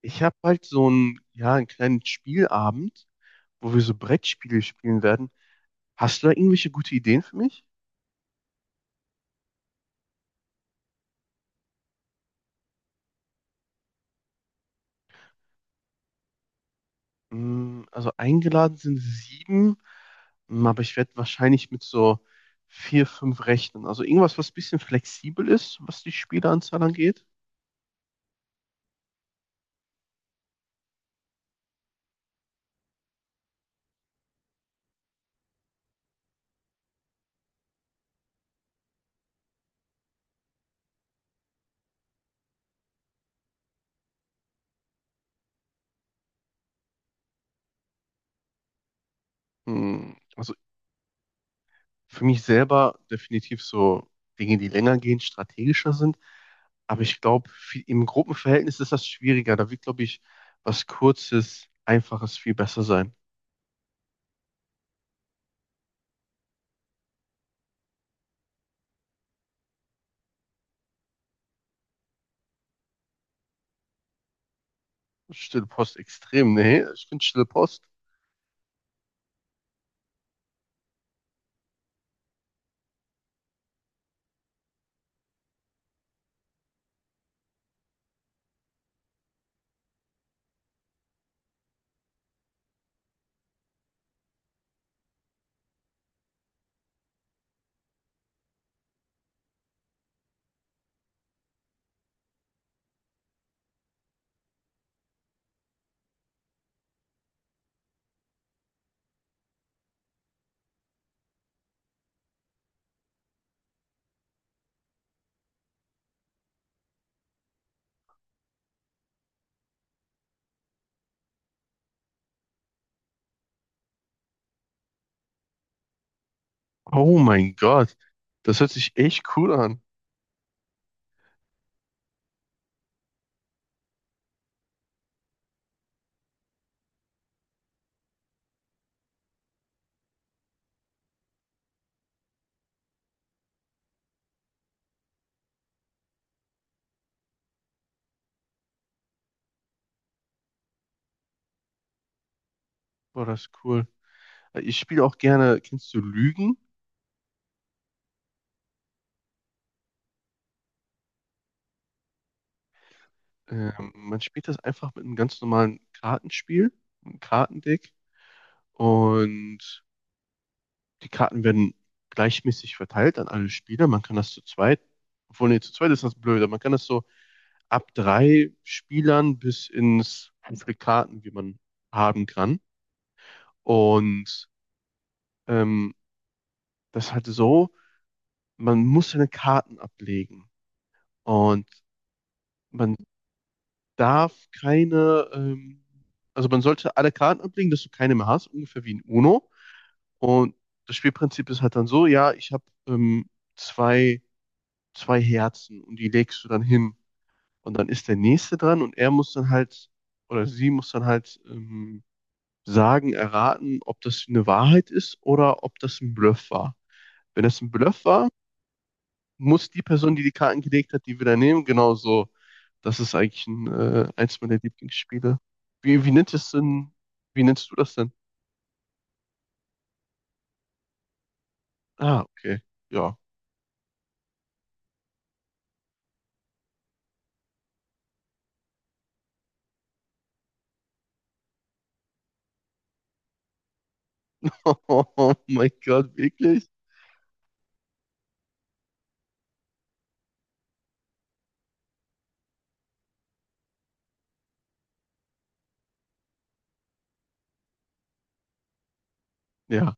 Ich habe halt so einen, ja, einen kleinen Spielabend, wo wir so Brettspiele spielen werden. Hast du da irgendwelche gute Ideen für mich? Also eingeladen sind 7, aber ich werde wahrscheinlich mit so 4, 5 rechnen. Also irgendwas, was ein bisschen flexibel ist, was die Spieleranzahl angeht. Also für mich selber definitiv so Dinge, die länger gehen, strategischer sind. Aber ich glaube, im Gruppenverhältnis ist das schwieriger. Da wird, glaube ich, was Kurzes, Einfaches viel besser sein. Stille Post extrem? Nee, ich finde Stille Post. Oh mein Gott. Das hört sich echt cool an. Boah, das ist cool. Ich spiele auch gerne, kennst du Lügen? Man spielt das einfach mit einem ganz normalen Kartenspiel, einem Kartendeck. Und die Karten werden gleichmäßig verteilt an alle Spieler. Man kann das zu zweit, obwohl, nee, zu zweit ist das blöde. Man kann das so ab 3 Spielern bis ins, wie viele Karten, wie man haben kann. Und ähm, das ist halt so, man muss seine Karten ablegen und man darf keine, also man sollte alle Karten ablegen, dass du keine mehr hast, ungefähr wie in Uno. Und das Spielprinzip ist halt dann so, ja, ich habe zwei, zwei Herzen und die legst du dann hin. Und dann ist der nächste dran und er muss dann halt, oder sie muss dann halt sagen, erraten, ob das eine Wahrheit ist oder ob das ein Bluff war. Wenn das ein Bluff war, muss die Person, die die Karten gelegt hat, die wieder nehmen, genauso. Das ist eigentlich ein, eins meiner Lieblingsspiele. Wie nennt es denn? Wie nennst du das denn? Ah, okay. Ja. Oh mein Gott, wirklich? Ja.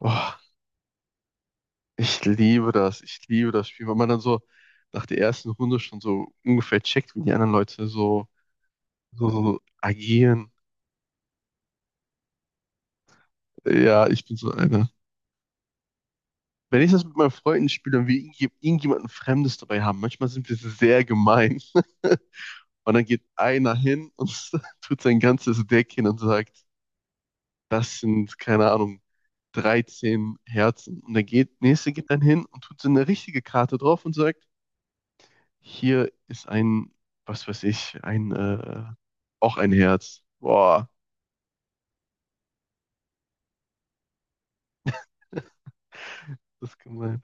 Oh, ich liebe das. Ich liebe das Spiel, weil man dann so nach der ersten Runde schon so ungefähr checkt, wie die anderen Leute so, so agieren. Ja, ich bin so einer. Wenn ich das mit meinen Freunden spiele und wir irgendjemanden Fremdes dabei haben, manchmal sind wir sehr gemein. Und dann geht einer hin und tut sein ganzes Deck hin und sagt, das sind, keine Ahnung, 13 Herzen. Und der geht, nächste geht dann hin und tut so eine richtige Karte drauf und sagt, hier ist ein, was weiß ich, ein, auch ein Herz. Boah, das ist gemein.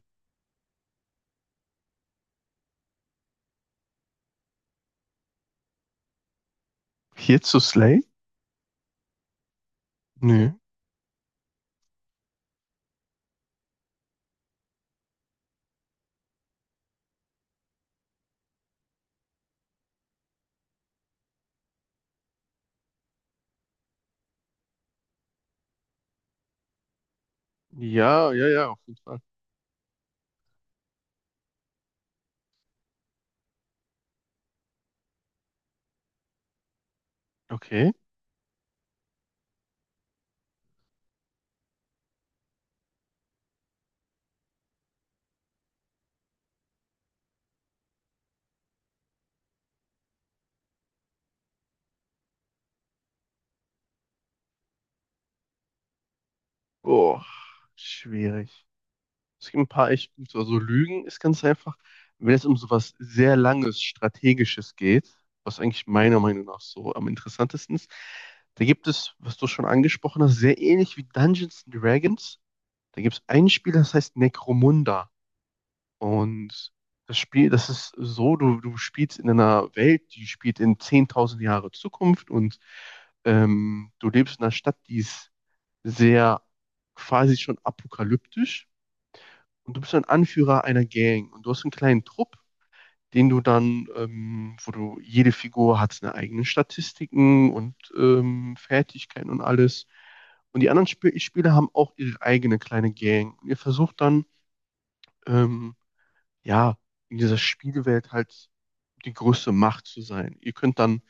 Hier zu Slay? Nö. Ja, ja, ja, auf jeden Fall. Okay. Boah, schwierig. Es gibt ein paar echt gute. Also Lügen ist ganz einfach. Wenn es um sowas sehr Langes, Strategisches geht, was eigentlich meiner Meinung nach so am interessantesten ist, da gibt es, was du schon angesprochen hast, sehr ähnlich wie Dungeons and Dragons. Da gibt es ein Spiel, das heißt Necromunda. Und das Spiel, das ist so, du spielst in einer Welt, die spielt in 10.000 Jahre Zukunft und du lebst in einer Stadt, die ist sehr quasi schon apokalyptisch. Und du bist ein Anführer einer Gang und du hast einen kleinen Trupp, den du dann, wo du jede Figur hat seine eigenen Statistiken und Fertigkeiten und alles. Und die anderen Sp Spieler haben auch ihre eigene kleine Gang. Und ihr versucht dann, ähm, ja, in dieser Spielwelt halt die größte Macht zu sein. Ihr könnt dann,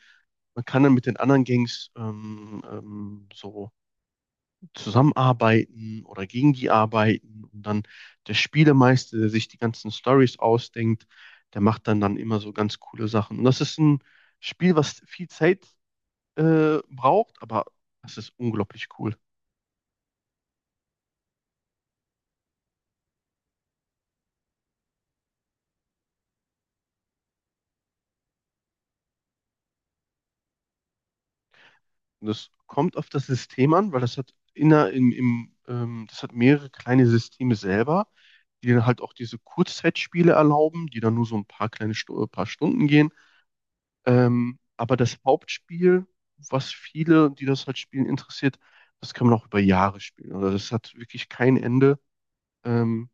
man kann dann mit den anderen Gangs so zusammenarbeiten oder gegen die arbeiten. Und dann der Spielemeister, der sich die ganzen Stories ausdenkt, der macht dann immer so ganz coole Sachen. Und das ist ein Spiel, was viel Zeit braucht, aber das ist unglaublich cool. Und das kommt auf das System an, weil das hat inner im, im das hat mehrere kleine Systeme selber, die dann halt auch diese Kurzzeitspiele erlauben, die dann nur so ein paar kleine paar Stunden gehen. Aber das Hauptspiel, was viele, die das halt spielen, interessiert, das kann man auch über Jahre spielen. Oder das hat wirklich kein Ende. Ähm,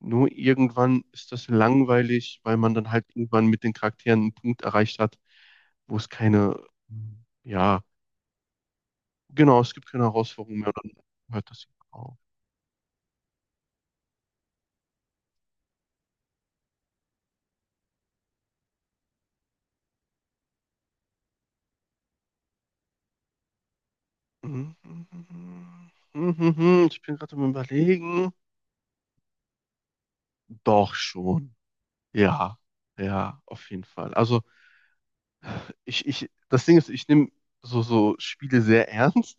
Nur irgendwann ist das langweilig, weil man dann halt irgendwann mit den Charakteren einen Punkt erreicht hat, wo es keine, ja, genau, es gibt keine Herausforderung mehr. Dann hört das auf. Mhm. Mhm. Ich bin gerade am Überlegen. Doch schon. Ja, ja, auf jeden Fall. Also das Ding ist, ich nehme so, so Spiele sehr ernst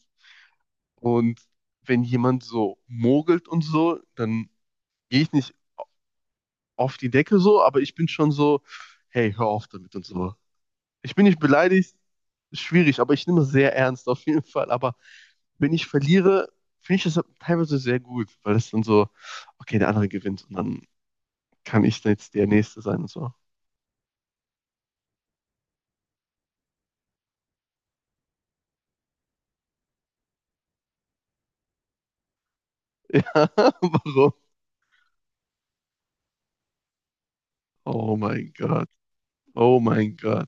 und wenn jemand so mogelt und so, dann gehe ich nicht auf die Decke so, aber ich bin schon so, hey, hör auf damit und so. Ich bin nicht beleidigt, ist schwierig, aber ich nehme es sehr ernst auf jeden Fall. Aber wenn ich verliere, finde ich das teilweise sehr gut, weil es dann so, okay, der andere gewinnt und dann kann ich jetzt der Nächste sein und so. Warum? Oh mein Gott. Oh mein Gott.